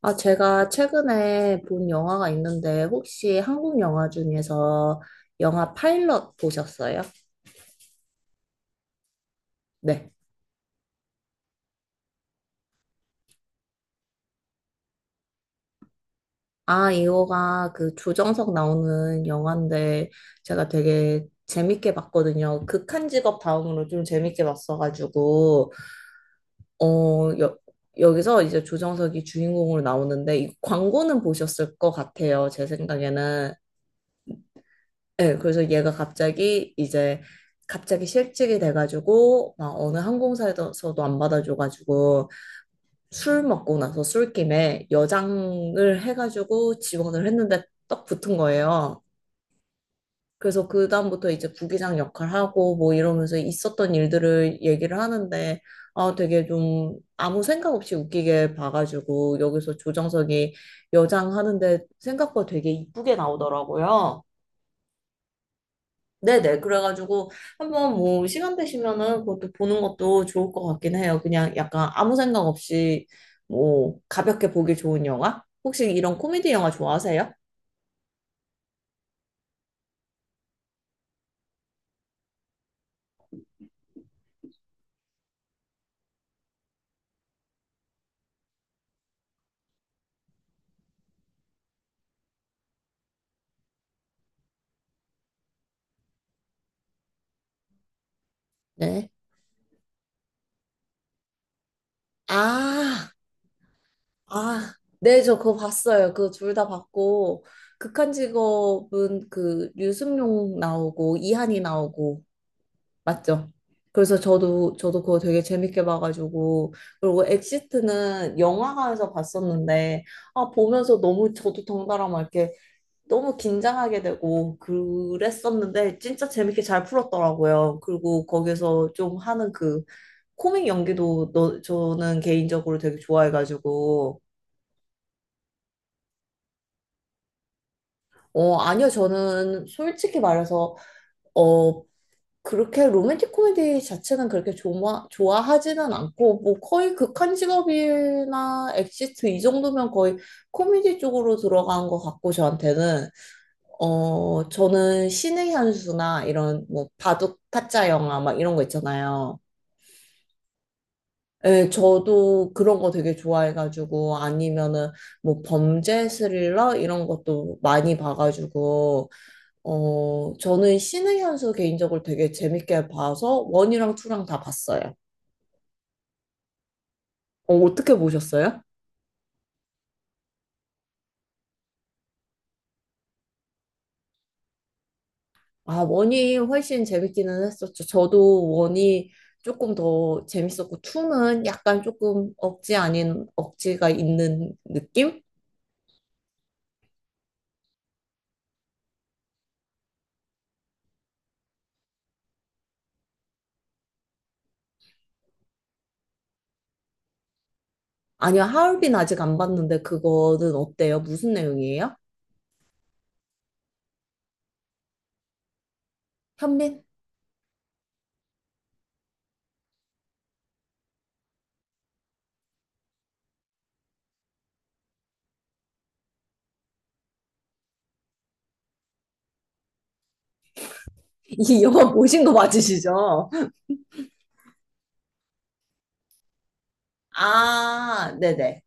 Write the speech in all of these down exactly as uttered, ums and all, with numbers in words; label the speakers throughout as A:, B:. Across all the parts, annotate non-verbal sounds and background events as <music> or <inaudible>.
A: 아, 제가 최근에 본 영화가 있는데, 혹시 한국 영화 중에서 영화 파일럿 보셨어요? 네. 아, 이거가 그 조정석 나오는 영화인데, 제가 되게 재밌게 봤거든요. 극한 직업 다음으로 좀 재밌게 봤어가지고, 어, 여, 여기서 이제 조정석이 주인공으로 나오는데, 이 광고는 보셨을 것 같아요. 제 생각에는. 네, 그래서 얘가 갑자기 이제 갑자기 실직이 돼가지고 막 어느 항공사에서도 안 받아줘가지고 술 먹고 나서 술김에 여장을 해가지고 지원을 했는데 딱 붙은 거예요. 그래서 그다음부터 이제 부기장 역할하고 뭐 이러면서 있었던 일들을 얘기를 하는데 아 되게 좀 아무 생각 없이 웃기게 봐가지고 여기서 조정석이 여장하는데 생각보다 되게 이쁘게 나오더라고요. 네네. 그래가지고 한번 뭐 시간 되시면은 그것도 보는 것도 좋을 것 같긴 해요. 그냥 약간 아무 생각 없이 뭐 가볍게 보기 좋은 영화? 혹시 이런 코미디 영화 좋아하세요? 네. 아, 아, 네, 저 그거 봤어요. 그거 둘 다 봤고, 극한 직업은 그 유승용 나오고, 이한이 나오고, 맞죠? 그래서 저도 저도 그거 되게 재밌게 봐가지고 그리고 엑시트는 영화관에서 봤었는데 아 보면서 너무 저도 덩달아 막 이렇게 너무 긴장하게 되고 그랬었는데 진짜 재밌게 잘 풀었더라고요. 그리고 거기서 좀 하는 그 코믹 연기도 너, 저는 개인적으로 되게 좋아해가지고 어 아니요, 저는 솔직히 말해서 어 그렇게 로맨틱 코미디 자체는 그렇게 좋아, 좋아하지는 않고, 뭐 거의 극한 직업이나 엑시트 이 정도면 거의 코미디 쪽으로 들어간 것 같고, 저한테는. 어, 저는 신의 한수나 이런 뭐 바둑 타짜 영화 막 이런 거 있잖아요. 예, 저도 그런 거 되게 좋아해가지고, 아니면은 뭐 범죄 스릴러 이런 것도 많이 봐가지고, 어, 저는 신의 현수 개인적으로 되게 재밌게 봐서 원이랑 투랑 다 봤어요. 어, 어떻게 보셨어요? 아, 원이 훨씬 재밌기는 했었죠. 저도 원이 조금 더 재밌었고, 투는 약간 조금 억지 아닌 억지가 있는 느낌? 아니요, 하얼빈 아직 안 봤는데 그거는 어때요? 무슨 내용이에요? 현빈? <laughs> 이 영화 보신 거 맞으시죠? 아, 네네.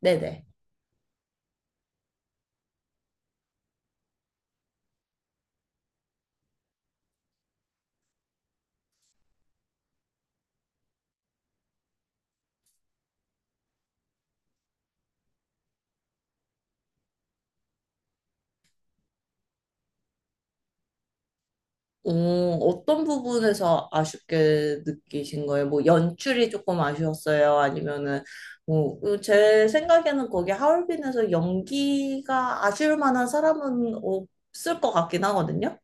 A: 네네. 오, 어떤 부분에서 아쉽게 느끼신 거예요? 뭐 연출이 조금 아쉬웠어요? 아니면은 뭐, 그제 생각에는 거기 하얼빈에서 연기가 아쉬울 만한 사람은 없을 것 같긴 하거든요.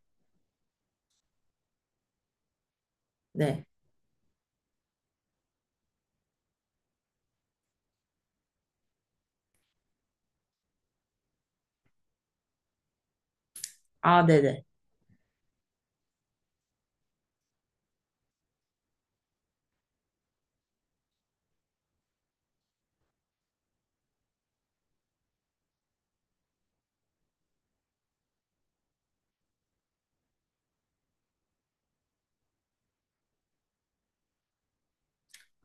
A: 네. 아, 네네.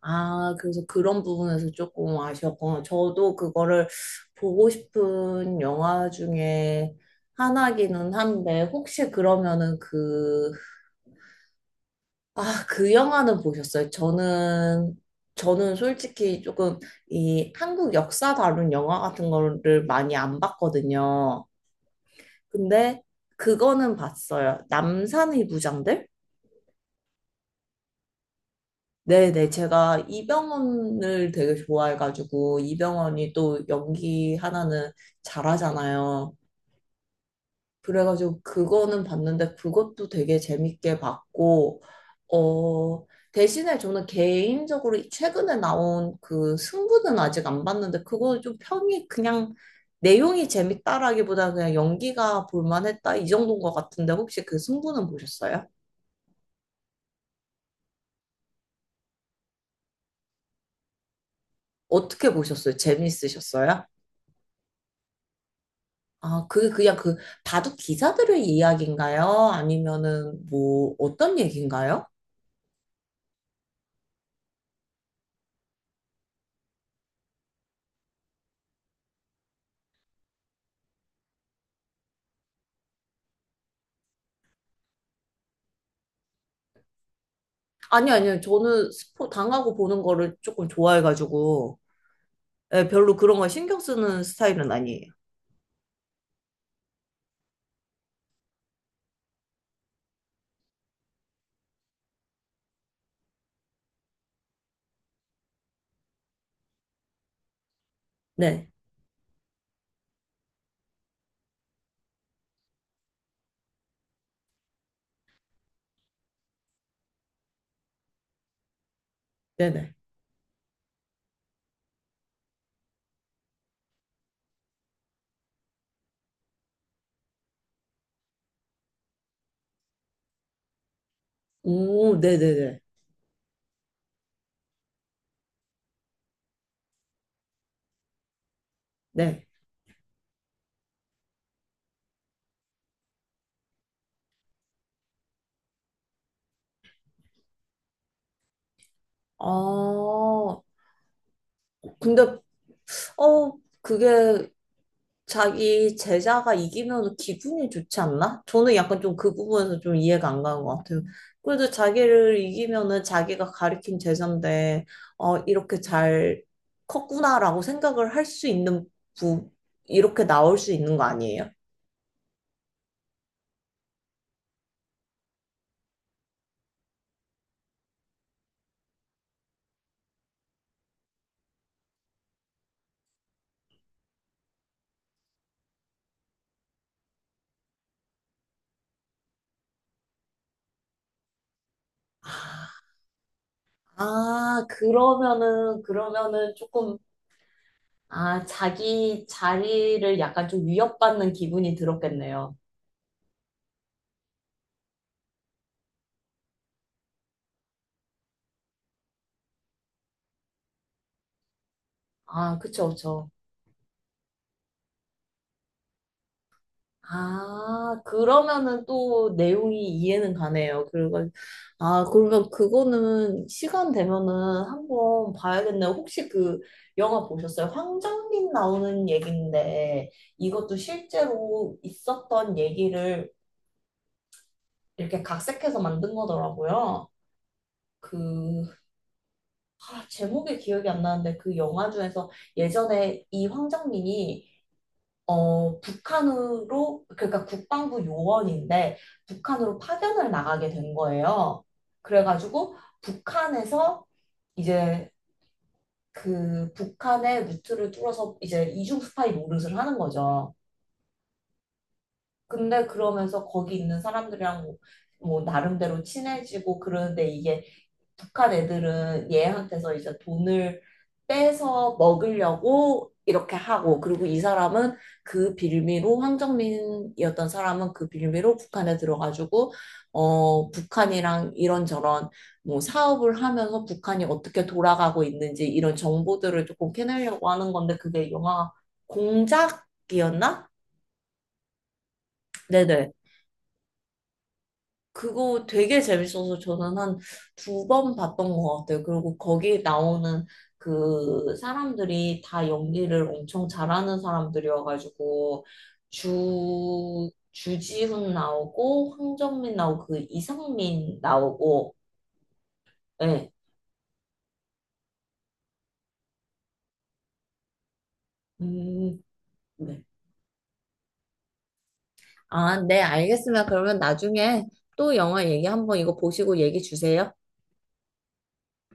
A: 아, 그래서 그런 부분에서 조금 아쉬웠구나. 저도 그거를 보고 싶은 영화 중에 하나기는 한데, 혹시 그러면은 그 아, 그 영화는 보셨어요? 저는, 저는 솔직히 조금 이 한국 역사 다룬 영화 같은 거를 많이 안 봤거든요. 근데 그거는 봤어요. 남산의 부장들? 네네, 제가 이병헌을 되게 좋아해가지고, 이병헌이 또 연기 하나는 잘하잖아요. 그래가지고 그거는 봤는데 그것도 되게 재밌게 봤고, 어, 대신에 저는 개인적으로 최근에 나온 그 승부는 아직 안 봤는데 그거 좀 평이 그냥 내용이 재밌다라기보다 그냥 연기가 볼만했다 이 정도인 것 같은데 혹시 그 승부는 보셨어요? 어떻게 보셨어요? 재밌으셨어요? 아, 그게 그냥 그 바둑 기사들의 이야기인가요? 아니면은 뭐 어떤 얘기인가요? 아니, 아니요. 저는 스포 당하고 보는 거를 조금 좋아해가지고, 예, 별로 그런 거 신경 쓰는 스타일은 아니에요. 네, 네네. 오, 네네네. 네. 아, 근데, 어, 그게 자기 제자가 이기면 기분이 좋지 않나? 저는 약간 좀 그 부분에서 좀 이해가 안 가는 것 같아요. 그래도 자기를 이기면은 자기가 가르친 제자인데, 어, 이렇게 잘 컸구나라고 생각을 할 수 있는 부, 이렇게 나올 수 있는 거 아니에요? 아, 그러면은, 그러면은 조금, 아, 자기 자리를 약간 좀 위협받는 기분이 들었겠네요. 아, 그쵸, 그쵸. 아, 그러면은 또 내용이 이해는 가네요. 그리고, 아, 그러면 그거는 시간 되면은 한번 봐야겠네요. 혹시 그 영화 보셨어요? 황정민 나오는 얘기인데 이것도 실제로 있었던 얘기를 이렇게 각색해서 만든 거더라고요. 그 아, 제목이 기억이 안 나는데 그 영화 중에서 예전에 이 황정민이 어, 북한으로 그러니까 국방부 요원인데 북한으로 파견을 나가게 된 거예요. 그래가지고 북한에서 이제 그 북한의 루트를 뚫어서 이제 이중 스파이 노릇을 하는 거죠. 근데 그러면서 거기 있는 사람들이랑 뭐, 뭐 나름대로 친해지고 그러는데 이게 북한 애들은 얘한테서 이제 돈을 빼서 먹으려고 이렇게 하고, 그리고 이 사람은 그 빌미로, 황정민이었던 사람은 그 빌미로 북한에 들어가지고, 어, 북한이랑 이런저런 뭐 사업을 하면서 북한이 어떻게 돌아가고 있는지 이런 정보들을 조금 캐내려고 하는 건데, 그게 영화 공작이었나? 네네. 그거 되게 재밌어서 저는 한 두 번 봤던 것 같아요. 그리고 거기 나오는 그 사람들이 다 연기를 엄청 잘하는 사람들이어가지고 주 주지훈 나오고 황정민 나오고 그 이상민 나오고 네. 음, 네. 아, 네, 알겠습니다. 그러면 나중에 또 영화 얘기 한번 이거 보시고 얘기 주세요.